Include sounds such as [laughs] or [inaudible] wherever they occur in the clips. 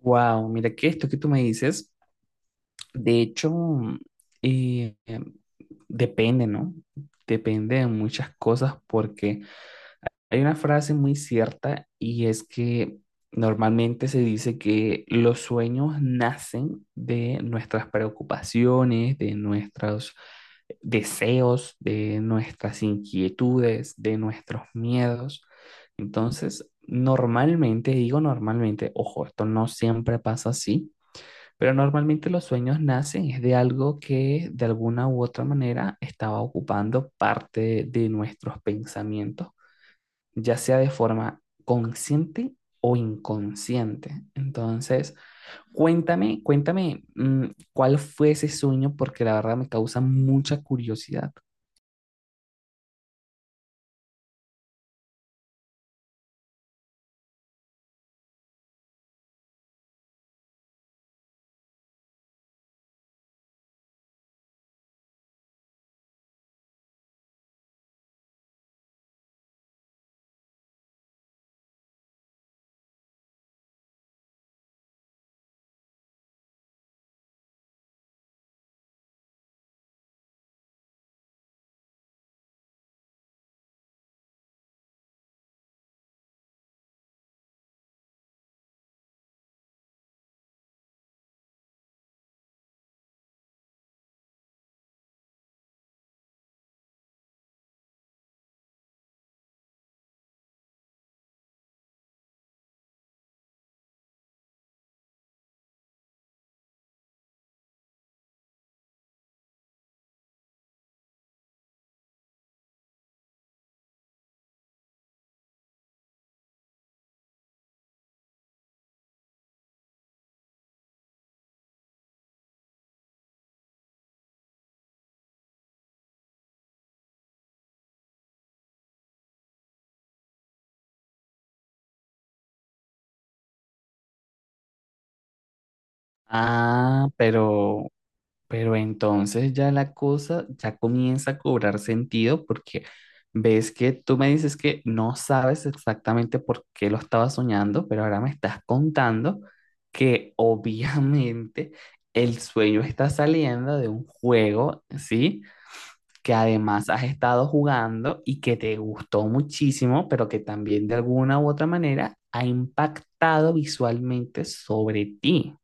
Wow, mira que esto que tú me dices, de hecho, eh, em, depende, ¿no? Depende de muchas cosas porque hay una frase muy cierta y es que normalmente se dice que los sueños nacen de nuestras preocupaciones, de nuestros deseos, de nuestras inquietudes, de nuestros miedos. Entonces, normalmente, digo normalmente, ojo, esto no siempre pasa así pero normalmente los sueños nacen es de algo que de alguna u otra manera estaba ocupando parte de nuestros pensamientos, ya sea de forma consciente o inconsciente. Entonces, cuéntame, cuál fue ese sueño, porque la verdad me causa mucha curiosidad. Ah, pero entonces ya la cosa ya comienza a cobrar sentido porque ves que tú me dices que no sabes exactamente por qué lo estaba soñando, pero ahora me estás contando que [laughs] obviamente el sueño está saliendo de un juego, ¿sí? Que además has estado jugando y que te gustó muchísimo, pero que también de alguna u otra manera ha impactado visualmente sobre ti.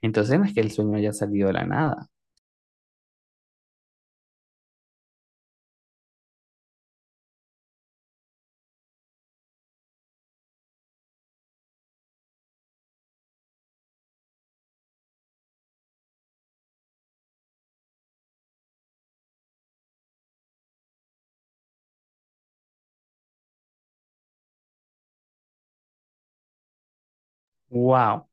Entonces no es que el sueño haya salido de la nada. ¡Wow!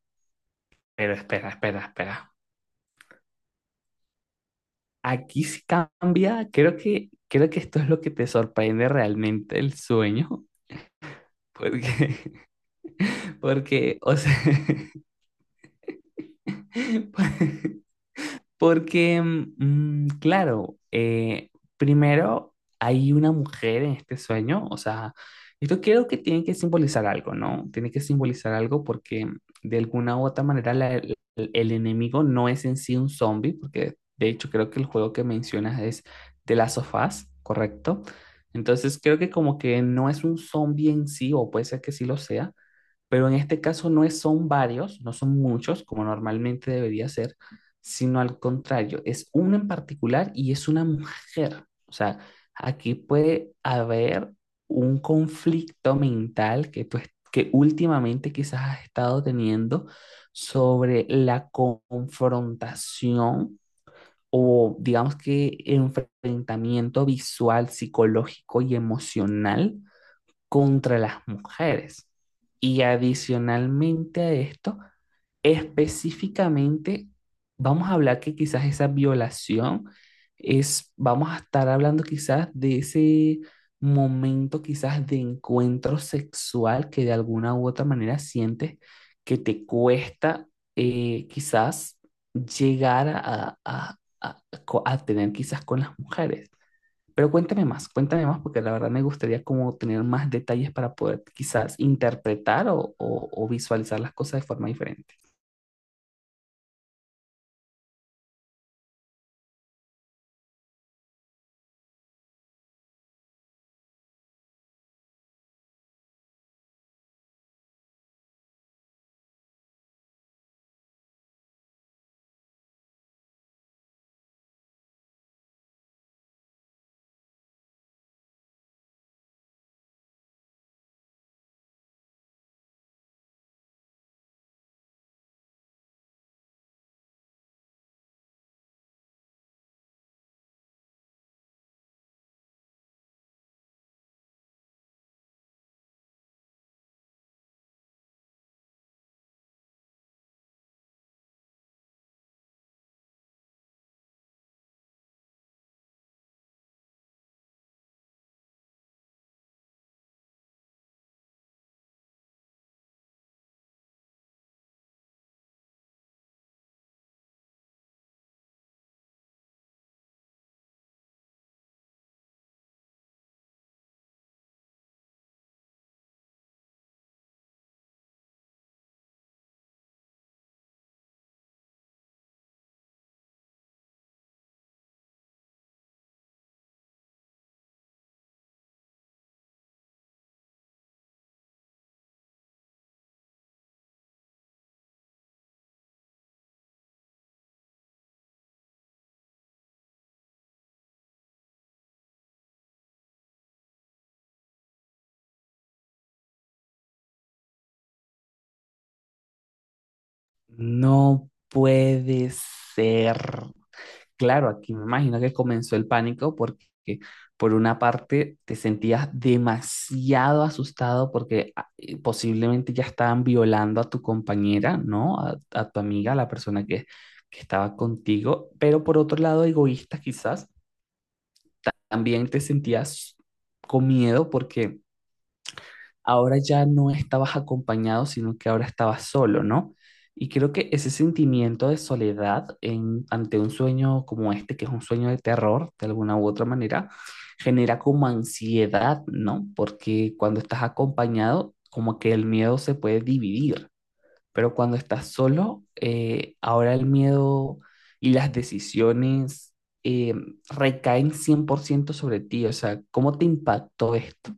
Pero espera, espera, espera. Aquí sí cambia. Creo que esto es lo que te sorprende realmente el sueño. Porque, [laughs] porque, o sea, [laughs] porque, claro, primero hay una mujer en este sueño, o sea, esto creo que tiene que simbolizar algo, ¿no? Tiene que simbolizar algo porque de alguna u otra manera el enemigo no es en sí un zombie, porque de hecho creo que el juego que mencionas es de las sofás, ¿correcto? Entonces creo que como que no es un zombie en sí, o puede ser que sí lo sea, pero en este caso son varios, no son muchos, como normalmente debería ser, sino al contrario, es uno en particular y es una mujer. O sea, aquí puede haber un conflicto mental que que últimamente quizás has estado teniendo sobre la confrontación o digamos que enfrentamiento visual, psicológico y emocional contra las mujeres. Y adicionalmente a esto, específicamente, vamos a hablar que quizás esa violación es, vamos a estar hablando quizás de ese momento quizás de encuentro sexual que de alguna u otra manera sientes que te cuesta quizás llegar a tener quizás con las mujeres. Pero cuéntame más, porque la verdad me gustaría como tener más detalles para poder quizás interpretar o o visualizar las cosas de forma diferente. No puede ser. Claro, aquí me imagino que comenzó el pánico porque por una parte te sentías demasiado asustado porque posiblemente ya estaban violando a tu compañera, ¿no? A tu amiga, a la persona que estaba contigo, pero por otro lado egoísta quizás también te sentías con miedo porque ahora ya no estabas acompañado, sino que ahora estabas solo, ¿no? Y creo que ese sentimiento de soledad ante un sueño como este, que es un sueño de terror, de alguna u otra manera, genera como ansiedad, ¿no? Porque cuando estás acompañado, como que el miedo se puede dividir. Pero cuando estás solo, ahora el miedo y las decisiones eh, recaen 100% sobre ti. O sea, ¿cómo te impactó esto?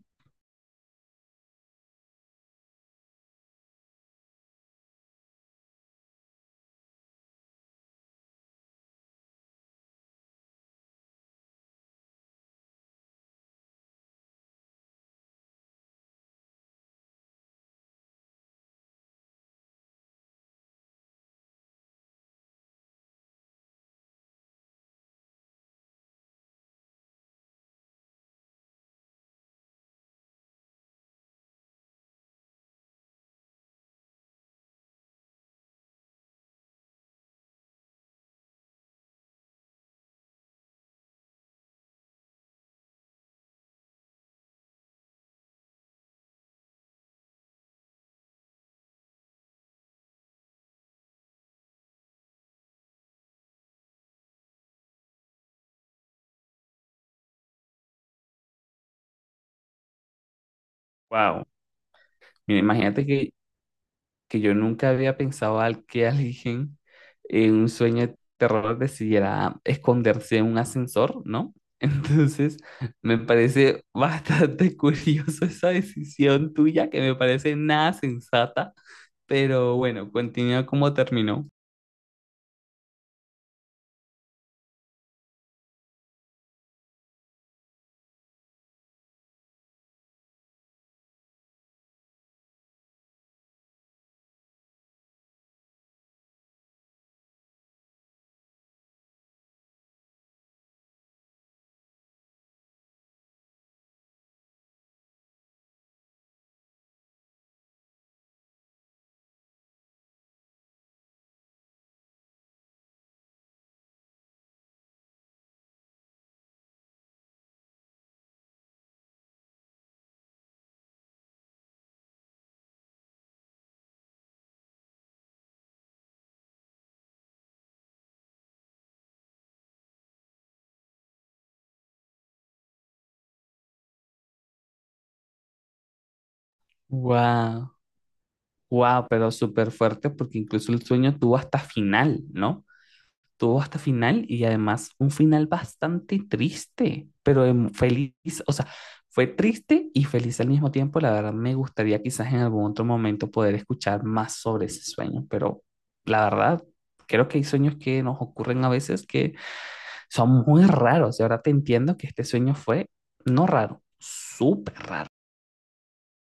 Wow. Mira, imagínate que yo nunca había pensado al que alguien en un sueño de terror decidiera esconderse en un ascensor, ¿no? [laughs] Entonces, me parece bastante [laughs] curioso esa decisión tuya, que me parece nada sensata, pero bueno, continúa como terminó. Wow, wow, pero súper fuerte porque incluso el sueño tuvo hasta final, ¿no? Tuvo hasta final y además un final bastante triste, pero feliz, o sea, fue triste y feliz al mismo tiempo. La verdad, me gustaría quizás en algún otro momento poder escuchar más sobre ese sueño, pero la verdad, creo que hay sueños que nos ocurren a veces que son muy raros y ahora te entiendo que este sueño fue no raro, súper raro.